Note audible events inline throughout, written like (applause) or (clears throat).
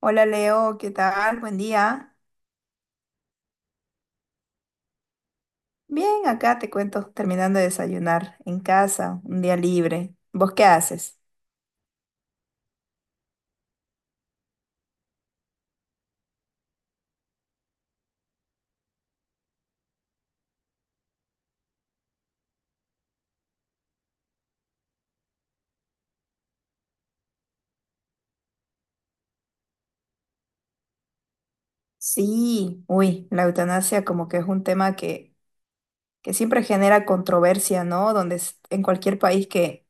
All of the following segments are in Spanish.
Hola Leo, ¿qué tal? Buen día. Bien, acá te cuento, terminando de desayunar en casa, un día libre. ¿Vos qué haces? Sí, uy, la eutanasia como que es un tema que siempre genera controversia, ¿no? Donde en cualquier país que,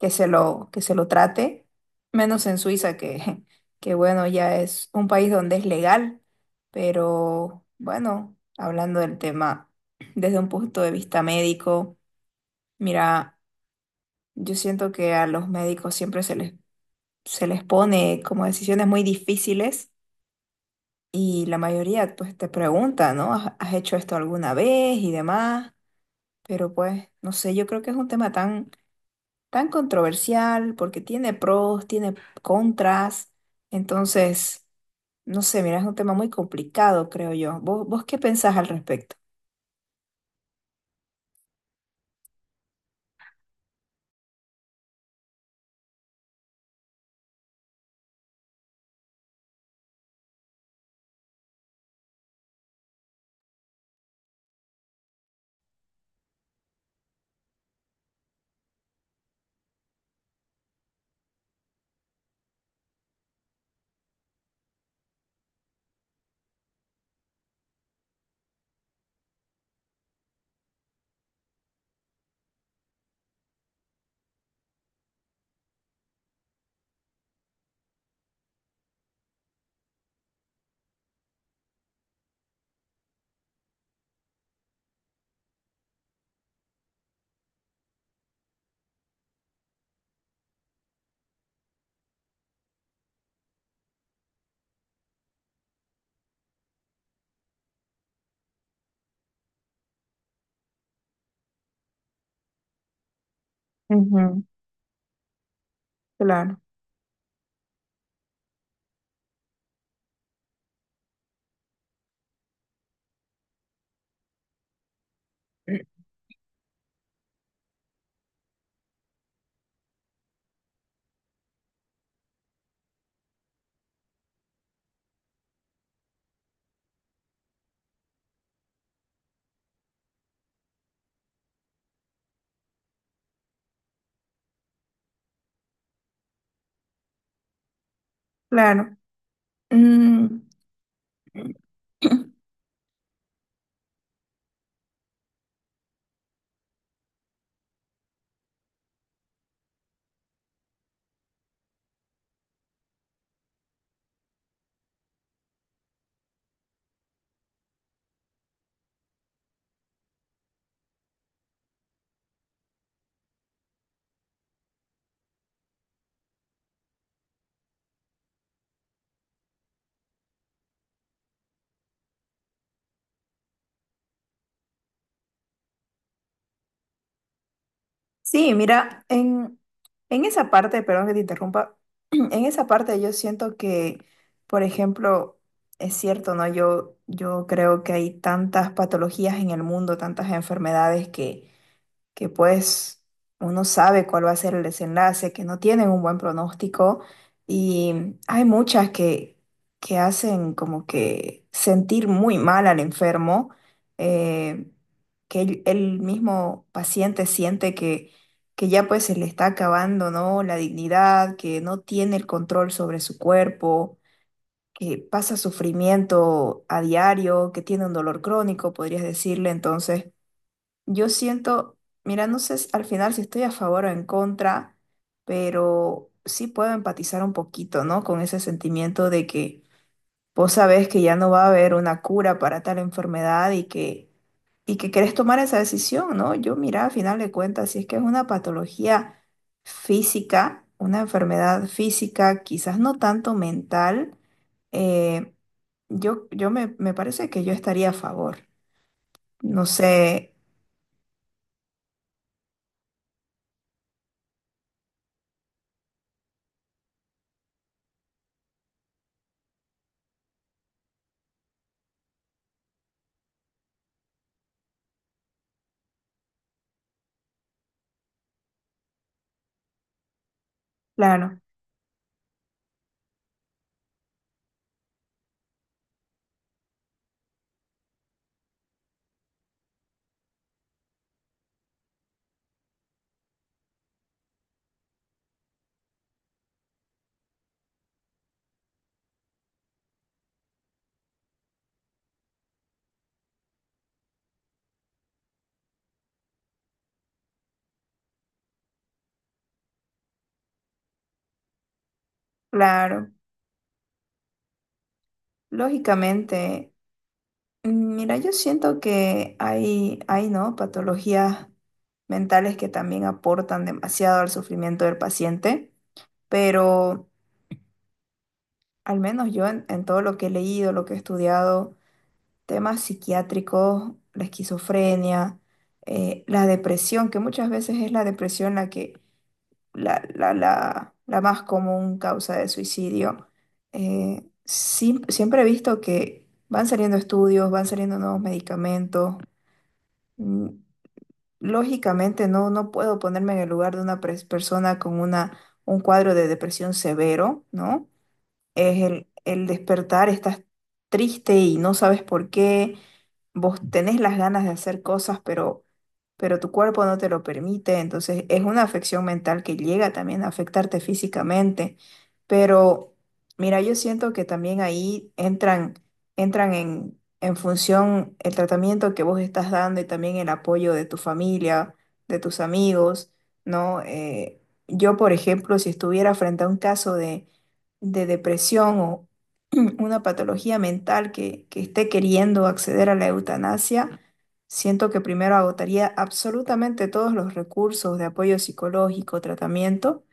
que se lo, que se lo trate, menos en Suiza, que, (laughs) que bueno, ya es un país donde es legal, pero bueno, hablando del tema desde un punto de vista médico, mira. Yo siento que a los médicos siempre se les pone como decisiones muy difíciles y la mayoría pues te pregunta, ¿no? ¿Has hecho esto alguna vez y demás? Pero pues, no sé, yo creo que es un tema tan, tan controversial porque tiene pros, tiene contras. Entonces, no sé, mira, es un tema muy complicado, creo yo. ¿Vos qué pensás al respecto? Ujú. Claro, claro. Mm. (clears throat) Sí, mira, en esa parte, perdón que te interrumpa, (clears throat) en esa parte yo siento que, por ejemplo, es cierto, ¿no? Yo creo que hay tantas patologías en el mundo, tantas enfermedades que pues uno sabe cuál va a ser el desenlace, que no tienen un buen pronóstico y hay muchas que hacen como que sentir muy mal al enfermo, eh, que el mismo paciente siente que ya pues se le está acabando, ¿no? La dignidad, que no tiene el control sobre su cuerpo, que pasa sufrimiento a diario, que tiene un dolor crónico, podrías decirle. Entonces yo siento, mira, no sé al final si estoy a favor o en contra, pero sí puedo empatizar un poquito, ¿no? Con ese sentimiento de que vos sabés que ya no va a haber una cura para tal enfermedad y que querés tomar esa decisión, ¿no? Yo, mira, al final de cuentas, si es que es una patología física, una enfermedad física, quizás no tanto mental, eh, yo me, me parece que yo estaría a favor. No sé, claro, claro. Lógicamente, mira, yo siento que hay, ¿no? Patologías mentales que también aportan demasiado al sufrimiento del paciente, pero al menos yo en todo lo que he leído, lo que he estudiado, temas psiquiátricos, la esquizofrenia, la depresión, que muchas veces es la depresión la que la más común causa de suicidio. Siempre he visto que van saliendo estudios, van saliendo nuevos medicamentos. Mm, Lógicamente no puedo ponerme en el lugar de una persona con un cuadro de depresión severo, ¿no? Es el despertar, estás triste y no sabes por qué, vos tenés las ganas de hacer cosas, pero tu cuerpo no te lo permite. Entonces es una afección mental que llega también a afectarte físicamente, pero mira, yo siento que también ahí entran en función el tratamiento que vos estás dando y también el apoyo de tu familia, de tus amigos, ¿no? Yo, por ejemplo, si estuviera frente a un caso de depresión o (clears throat) una patología mental que esté queriendo acceder a la eutanasia. Siento que primero agotaría absolutamente todos los recursos de apoyo psicológico, tratamiento,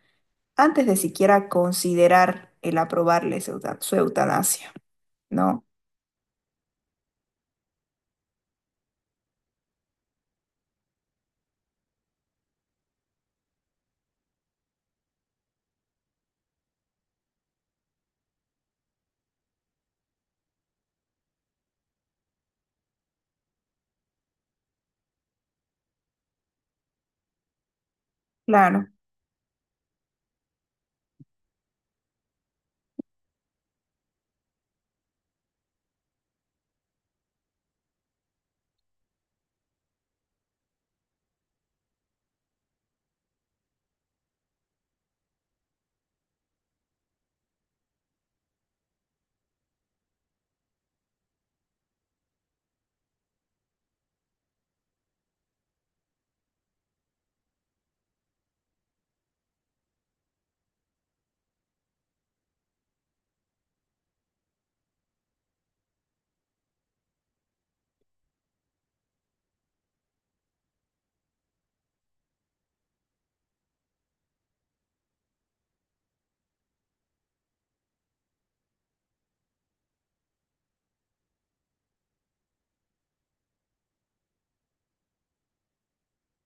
antes de siquiera considerar el aprobarle su eutanasia, ¿no? Claro,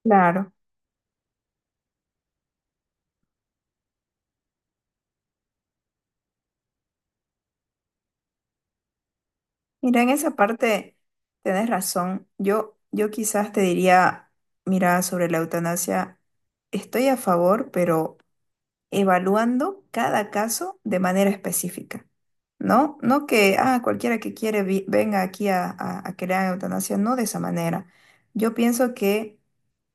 claro. Mira, en esa parte tenés razón. Yo quizás te diría, mira, sobre la eutanasia, estoy a favor, pero evaluando cada caso de manera específica, ¿no? No que, ah, cualquiera que quiere venga aquí a, a que le hagan eutanasia, no de esa manera. Yo pienso que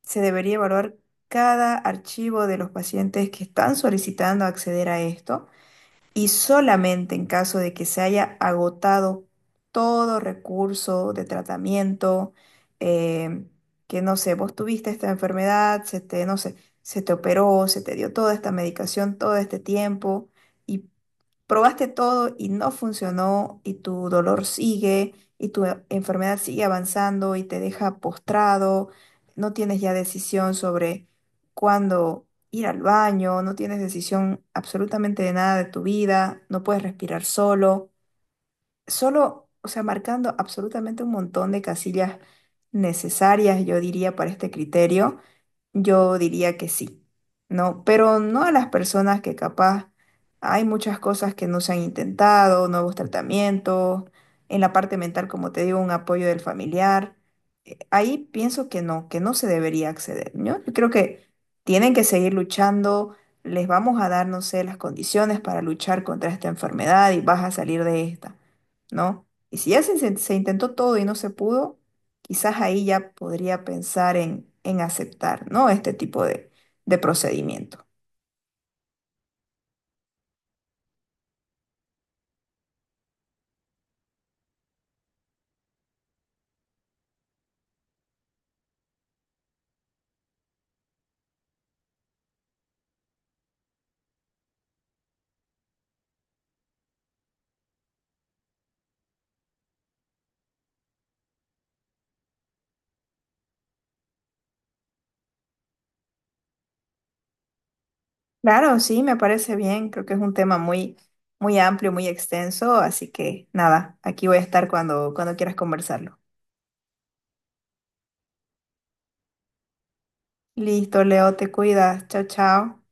se debería evaluar cada archivo de los pacientes que están solicitando acceder a esto y solamente en caso de que se haya agotado todo recurso de tratamiento, eh, que no sé, vos tuviste esta enfermedad, se te, no sé, se te operó, se te dio toda esta medicación todo este tiempo y probaste todo y no funcionó y tu dolor sigue y tu enfermedad sigue avanzando y te deja postrado, no tienes ya decisión sobre cuándo ir al baño, no tienes decisión absolutamente de nada de tu vida, no puedes respirar solo, o sea, marcando absolutamente un montón de casillas necesarias, yo diría, para este criterio, yo diría que sí, ¿no? Pero no a las personas que capaz hay muchas cosas que no se han intentado, nuevos tratamientos, en la parte mental, como te digo, un apoyo del familiar. Ahí pienso que no se debería acceder, ¿no? Yo creo que tienen que seguir luchando, les vamos a dar, no sé, las condiciones para luchar contra esta enfermedad y vas a salir de esta. ¿No? Y si ya se intentó todo y no se pudo, quizás ahí ya podría pensar en aceptar, ¿no? Este tipo de procedimiento. Claro, sí, me parece bien. Creo que es un tema muy, muy amplio, muy extenso, así que nada, aquí voy a estar cuando, cuando quieras conversarlo. Listo, Leo, te cuidas. Chao, chao.